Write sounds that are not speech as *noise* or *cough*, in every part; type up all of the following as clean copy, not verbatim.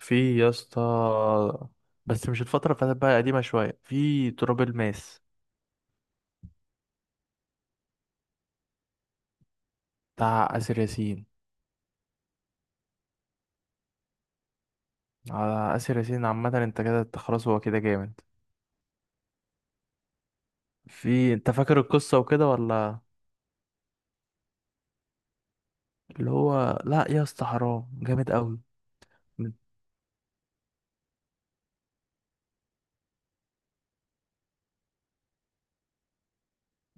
في يا اسطى. بس مش الفترة اللي فاتت، بقى قديمة شوية، في تراب الماس بتاع آسر ياسين. على آسر ياسين عامة انت كده، انت خلاص، هو كده جامد. انت فاكر القصة وكده ولا؟ اللي هو لا يا اسطى، حرام، جامد قوي.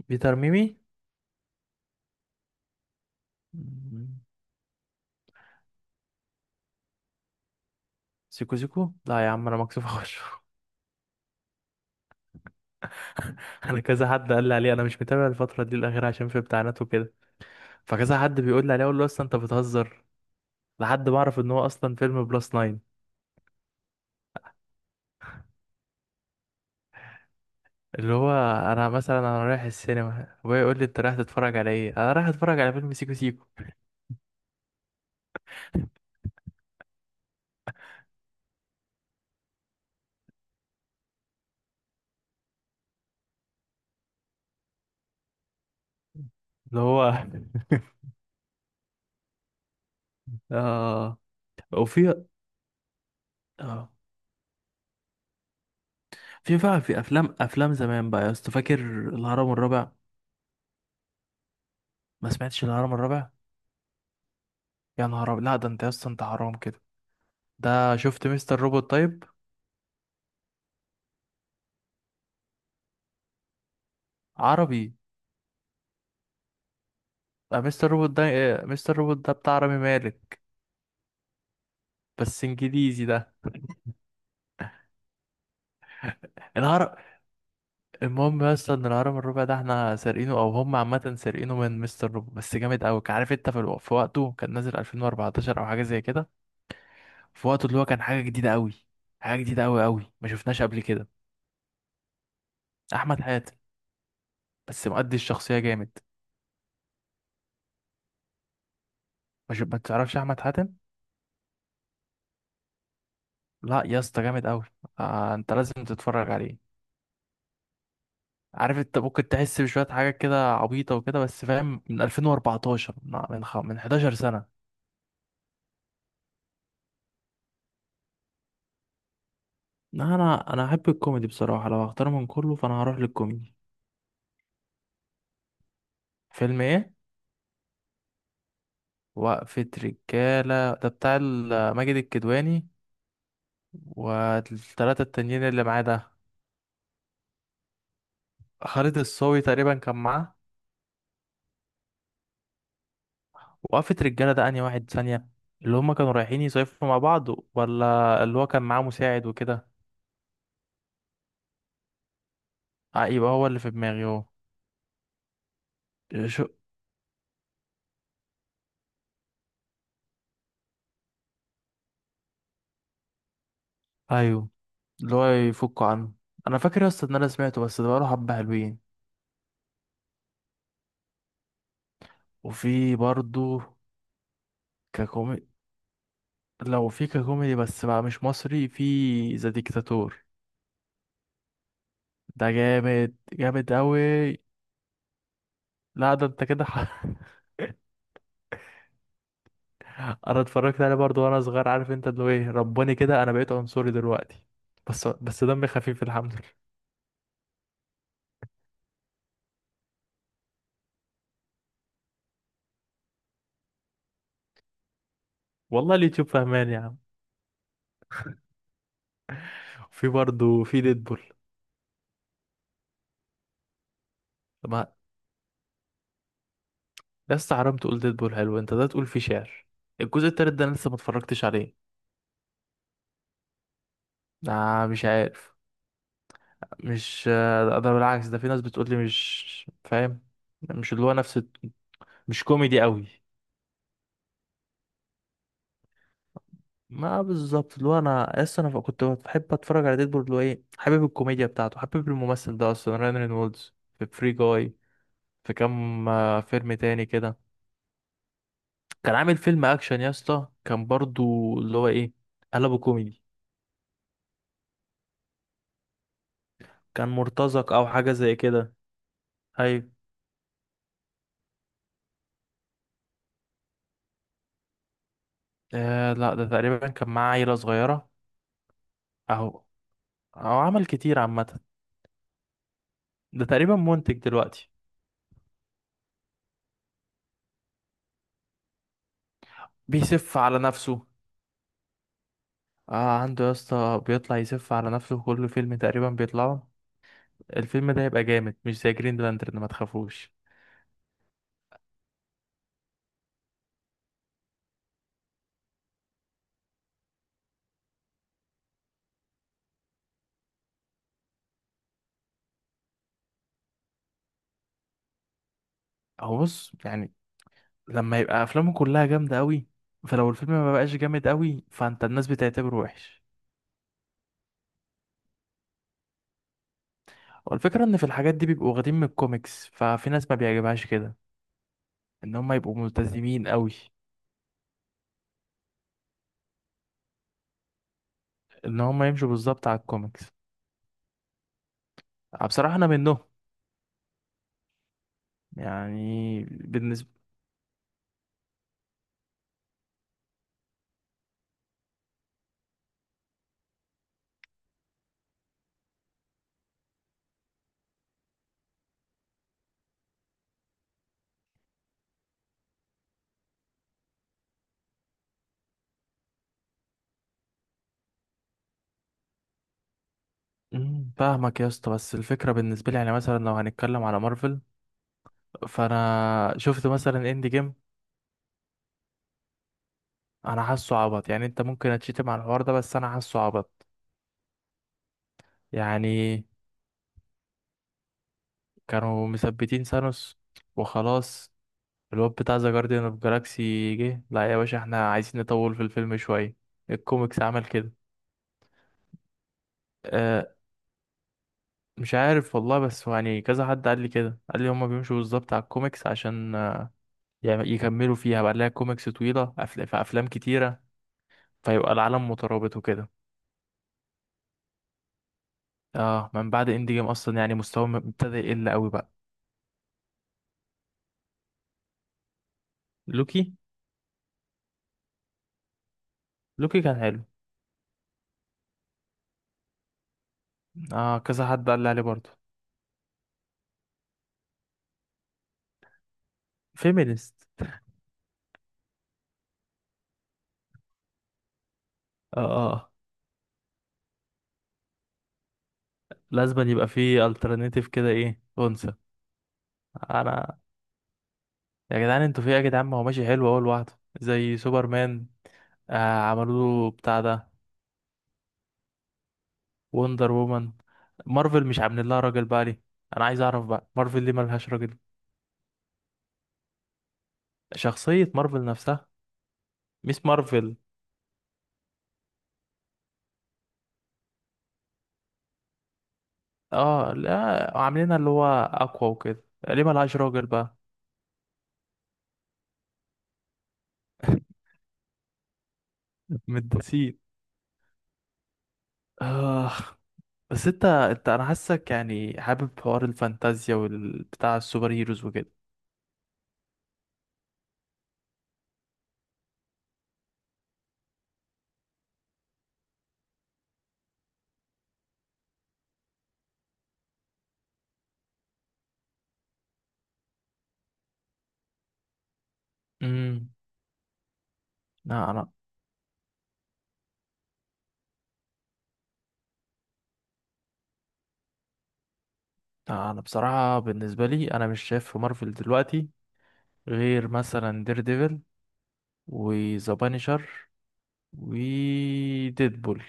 بيتر ميمي. مم. سيكو سيكو لا يا عم، انا مكسوف اخشه. *laughs* انا كذا حد قال لي عليه، انا مش متابع الفترة دي الاخيرة عشان في امتحانات وكده. فكذا حد بيقول لي عليه، اقول له اصلا انت بتهزر، لحد ما اعرف ان هو اصلا فيلم بلس 9. اللي هو انا مثلا، انا رايح السينما، ابويا يقول لي انت رايح تتفرج على ايه، انا رايح اتفرج على فيلم سيكو سيكو. اللي هو *laughs* اه. وفي. اه في بقى، في افلام، افلام زمان بقى يا اسطى، فاكر الهرم الرابع؟ ما سمعتش الهرم الرابع؟ يا نهار أبيض. لا ده انت يا اسطى، انت حرام كده. ده شفت مستر روبوت طيب؟ عربي. مستر روبوت ده، مستر روبوت ده بتاع رامي مالك، بس انجليزي ده. الهرم، المهم يا اسطى ان الهرم الربع ده احنا سارقينه، او هم عامه سارقينه من مستر روبو، بس جامد قوي. عارف انت في وقته كان نازل 2014 او حاجه زي كده. في وقته اللي هو كان حاجه جديده قوي، حاجه جديده قوي قوي، ما شفناش قبل كده. احمد حاتم، بس مؤدي الشخصيه جامد. ما تعرفش احمد حاتم؟ لا يا اسطى جامد قوي. آه انت لازم تتفرج عليه. عارف انت ممكن تحس بشويه حاجات كده عبيطه وكده، بس فاهم، من 2014، من 11 سنه. لا، انا احب الكوميدي بصراحه. لو هختار من كله فانا هروح للكوميدي. فيلم ايه؟ وقفة رجالة ده بتاع ماجد الكدواني والتلاتة التانيين اللي معاه ده. خالد الصاوي تقريبا كان معاه. وقفة رجالة ده انهي واحد ثانية؟ اللي هما كانوا رايحين يصيفوا مع بعض، ولا اللي هو كان معاه مساعد وكده؟ آه، يبقى هو اللي في دماغي هو. شو؟ ايوه. اللي هو يفكوا عنه. انا فاكر اصلا ان انا سمعته، بس ده بقاله حبة حلوين. وفي برضه. ككوميدي، لو في ككوميدي بس بقى مش مصري، في ذا ديكتاتور. ده جامد جامد أوي. لا ده أنت كده *laughs* أنا اتفرجت عليه برضه وأنا صغير. عارف أنت اللي هو إيه، رباني كده، أنا بقيت عنصري دلوقتي. بس بس دمي خفيف الحمد لله. والله اليوتيوب فهمان يا عم. في برضه في ديدبول. ما لسه حرام تقول ديدبول حلو، أنت ده تقول فيه شعر. الجزء التالت ده أنا لسه ما اتفرجتش عليه. ده مش عارف. مش. ده بالعكس، ده في ناس بتقول لي مش فاهم. مش اللي هو نفس، مش كوميدي أوي. ما بالظبط. اللي هو انا اصلا، انا كنت بحب اتفرج على ديدبول. اللي هو ايه، حابب الكوميديا بتاعته، حابب الممثل ده اصلا، رyan رينولدز، في فري جاي. في كام فيلم تاني كده. كان عامل فيلم اكشن يا اسطى، كان برضو اللي هو ايه، قلبه كوميدي. كان مرتزق او حاجه زي كده، ايوه. آه لا، ده تقريبا كان معاه عيله صغيره. اهو. او عمل كتير عامه. ده تقريبا منتج دلوقتي. بيسف على نفسه. آه عنده يا اسطى، بيطلع يسف على نفسه في كل فيلم تقريبا بيطلعه. الفيلم ده هيبقى جامد، مش زي جرين لانترن ما تخافوش. هو بص يعني، لما يبقى افلامه كلها جامده قوي، فلو الفيلم ما بقاش جامد قوي فانت الناس بتعتبره وحش. والفكره ان في الحاجات دي بيبقوا واخدين من الكوميكس، ففي ناس ما بيعجبهاش كده ان هم يبقوا ملتزمين قوي، ان هم يمشوا بالظبط على الكوميكس. بصراحه انا منهم. يعني بالنسبه. مم، فاهمك يا اسطى، بس الفكره بالنسبه لي يعني، مثلا لو هنتكلم على مارفل، فانا شفت مثلا اند جيم. انا حاسه عبط يعني، انت ممكن اتشتم على الحوار ده، بس انا حاسه عبط. يعني كانوا مثبتين سانوس وخلاص، الواد بتاع ذا جارديان اوف جالاكسي جه، لا يا باشا احنا عايزين نطول في الفيلم شويه. الكوميكس عمل كده. أه مش عارف والله، بس هو يعني كذا حد قال لي كده، قال لي هما بيمشوا بالظبط على الكوميكس عشان يكملوا فيها بقى، لها كوميكس طويله، في افلام كتيره، فيبقى العالم مترابط وكده. اه من بعد اند جيم اصلا يعني مستوى ابتدى يقل قوي بقى. لوكي. لوكي كان حلو. اه كذا حد قال لي عليه برضه. فيمينست. اه اه. لازم أن يبقى فيه الترناتيف كده، ايه، انثى. انا، يا جدعان انتوا في إيه يا جدعان، ما هو ماشي حلو اهو لوحده زي سوبرمان. آه عملوا له بتاع ده، وندر وومن. مارفل مش عاملين لها راجل بقى، ليه؟ انا عايز اعرف بقى، مارفل ليه ملهاش راجل؟ شخصية مارفل نفسها، ميس مارفل. اه لا، عاملينها اللي هو اقوى وكده، ليه ملهاش راجل بقى؟ *laughs* متداسين. آه. بس انت انا حاسك يعني حابب حوار الفانتازيا والبتاع، السوبر هيروز وكده. امم. لا انا بصراحة، بالنسبة لي انا مش شايف في مارفل دلوقتي غير مثلا دير ديفل، وذا بانيشر، وديدبول.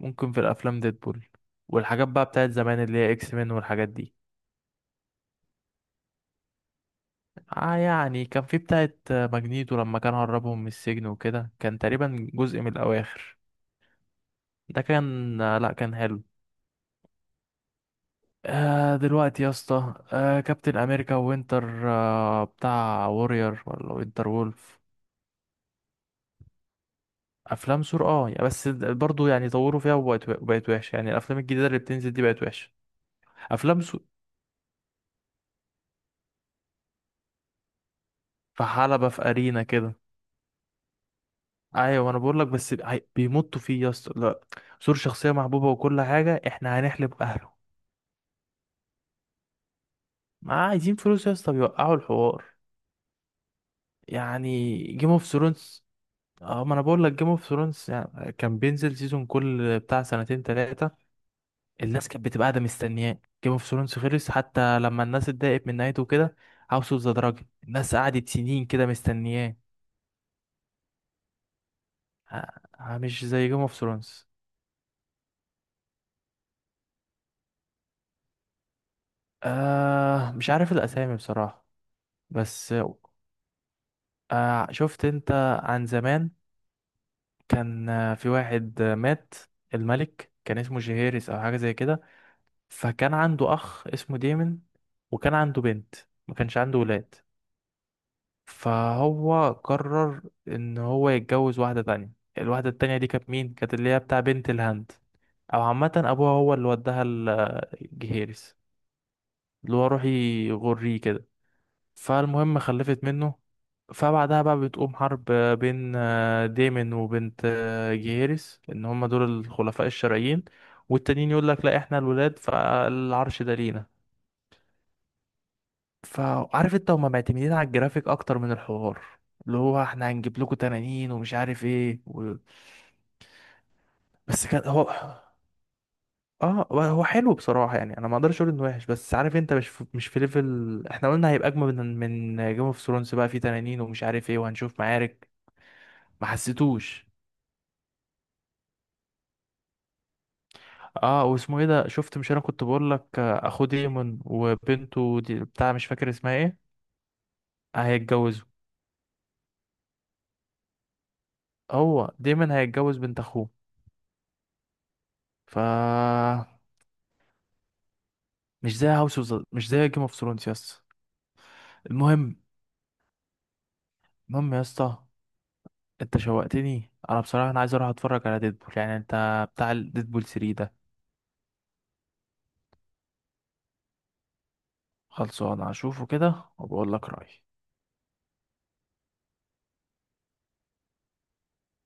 ممكن في الافلام ديدبول والحاجات بقى بتاعت زمان، اللي هي اكس مان والحاجات دي. اه يعني، كان في بتاعت ماجنيتو لما كان هربهم من السجن وكده، كان تقريبا جزء من الاواخر، ده كان لا كان حلو. آه دلوقتي يا اسطى، آه كابتن امريكا وينتر، آه بتاع وورير ولا وينتر وولف. افلام سور اه يعني، بس برضو يعني طوروا فيها وبقت، بقت وحشه يعني، الافلام الجديده اللي بتنزل دي بقت وحشه. افلام سور في حلبة، في ارينا كده. ايوه، ما انا بقول لك، بس بيمطوا فيه يا اسطى، لا. سور شخصيه محبوبه وكل حاجه، احنا هنحلب اهله. ما عايزين فلوس يا اسطى، بيوقعوا الحوار. يعني جيم اوف ثرونز، اه ما انا بقول لك، جيم اوف ثرونز يعني كان بينزل سيزون كل بتاع سنتين تلاتة، الناس كانت بتبقى قاعده مستنياه. جيم اوف ثرونز خلص، حتى لما الناس اتضايقت من نهايته كده. هاوس اوف ذا دراجون، الناس قعدت سنين كده مستنياه. آه. مش زي جيم اوف ثرونز. آه مش عارف الاسامي بصراحه. بس، آه شفت انت، عن زمان كان في واحد، مات الملك، كان اسمه جيهيرس او حاجه زي كده. فكان عنده اخ اسمه ديمن، وكان عنده بنت. ما كانش عنده ولاد. فهو قرر ان هو يتجوز واحدة تانية. الواحدة التانية دي كانت مين، كانت اللي هي بتاع بنت الهند، او عامة ابوها هو اللي وداها الجهيرس، اللي هو روحي يغريه كده. فالمهم خلفت منه. فبعدها بقى بتقوم حرب بين ديمن وبنت جيهيرس، ان هما دول الخلفاء الشرعيين، والتانيين يقول لك لا احنا الولاد فالعرش ده لينا. فعارف انت، هما معتمدين على الجرافيك اكتر من الحوار. اللي هو احنا هنجيب لكم تنانين ومش عارف ايه بس كان هو، اه هو هو حلو بصراحة يعني، انا ما اقدرش اقول انه وحش، بس عارف انت مش في ليفل احنا قلنا هيبقى اجمل من من جيم اوف ثرونز بقى، في تنانين ومش عارف ايه، وهنشوف معارك. ما حسيتوش. اه واسمه ايه ده، شفت مش انا كنت بقول لك، اخو ديمون وبنته دي بتاع، مش فاكر اسمها ايه. هيتجوزوا. هو ديمون هيتجوز بنت اخوه. ف، مش زي هاوس اوف، مش زي جيم اوف ثرونز يا اسطى. المهم، المهم يا اسطى، انت شوقتني، انا بصراحه انا عايز اروح اتفرج على ديدبول يعني. انت بتاع ديدبول 3 ده، خلصان هشوفه كده وبقول لك رايي.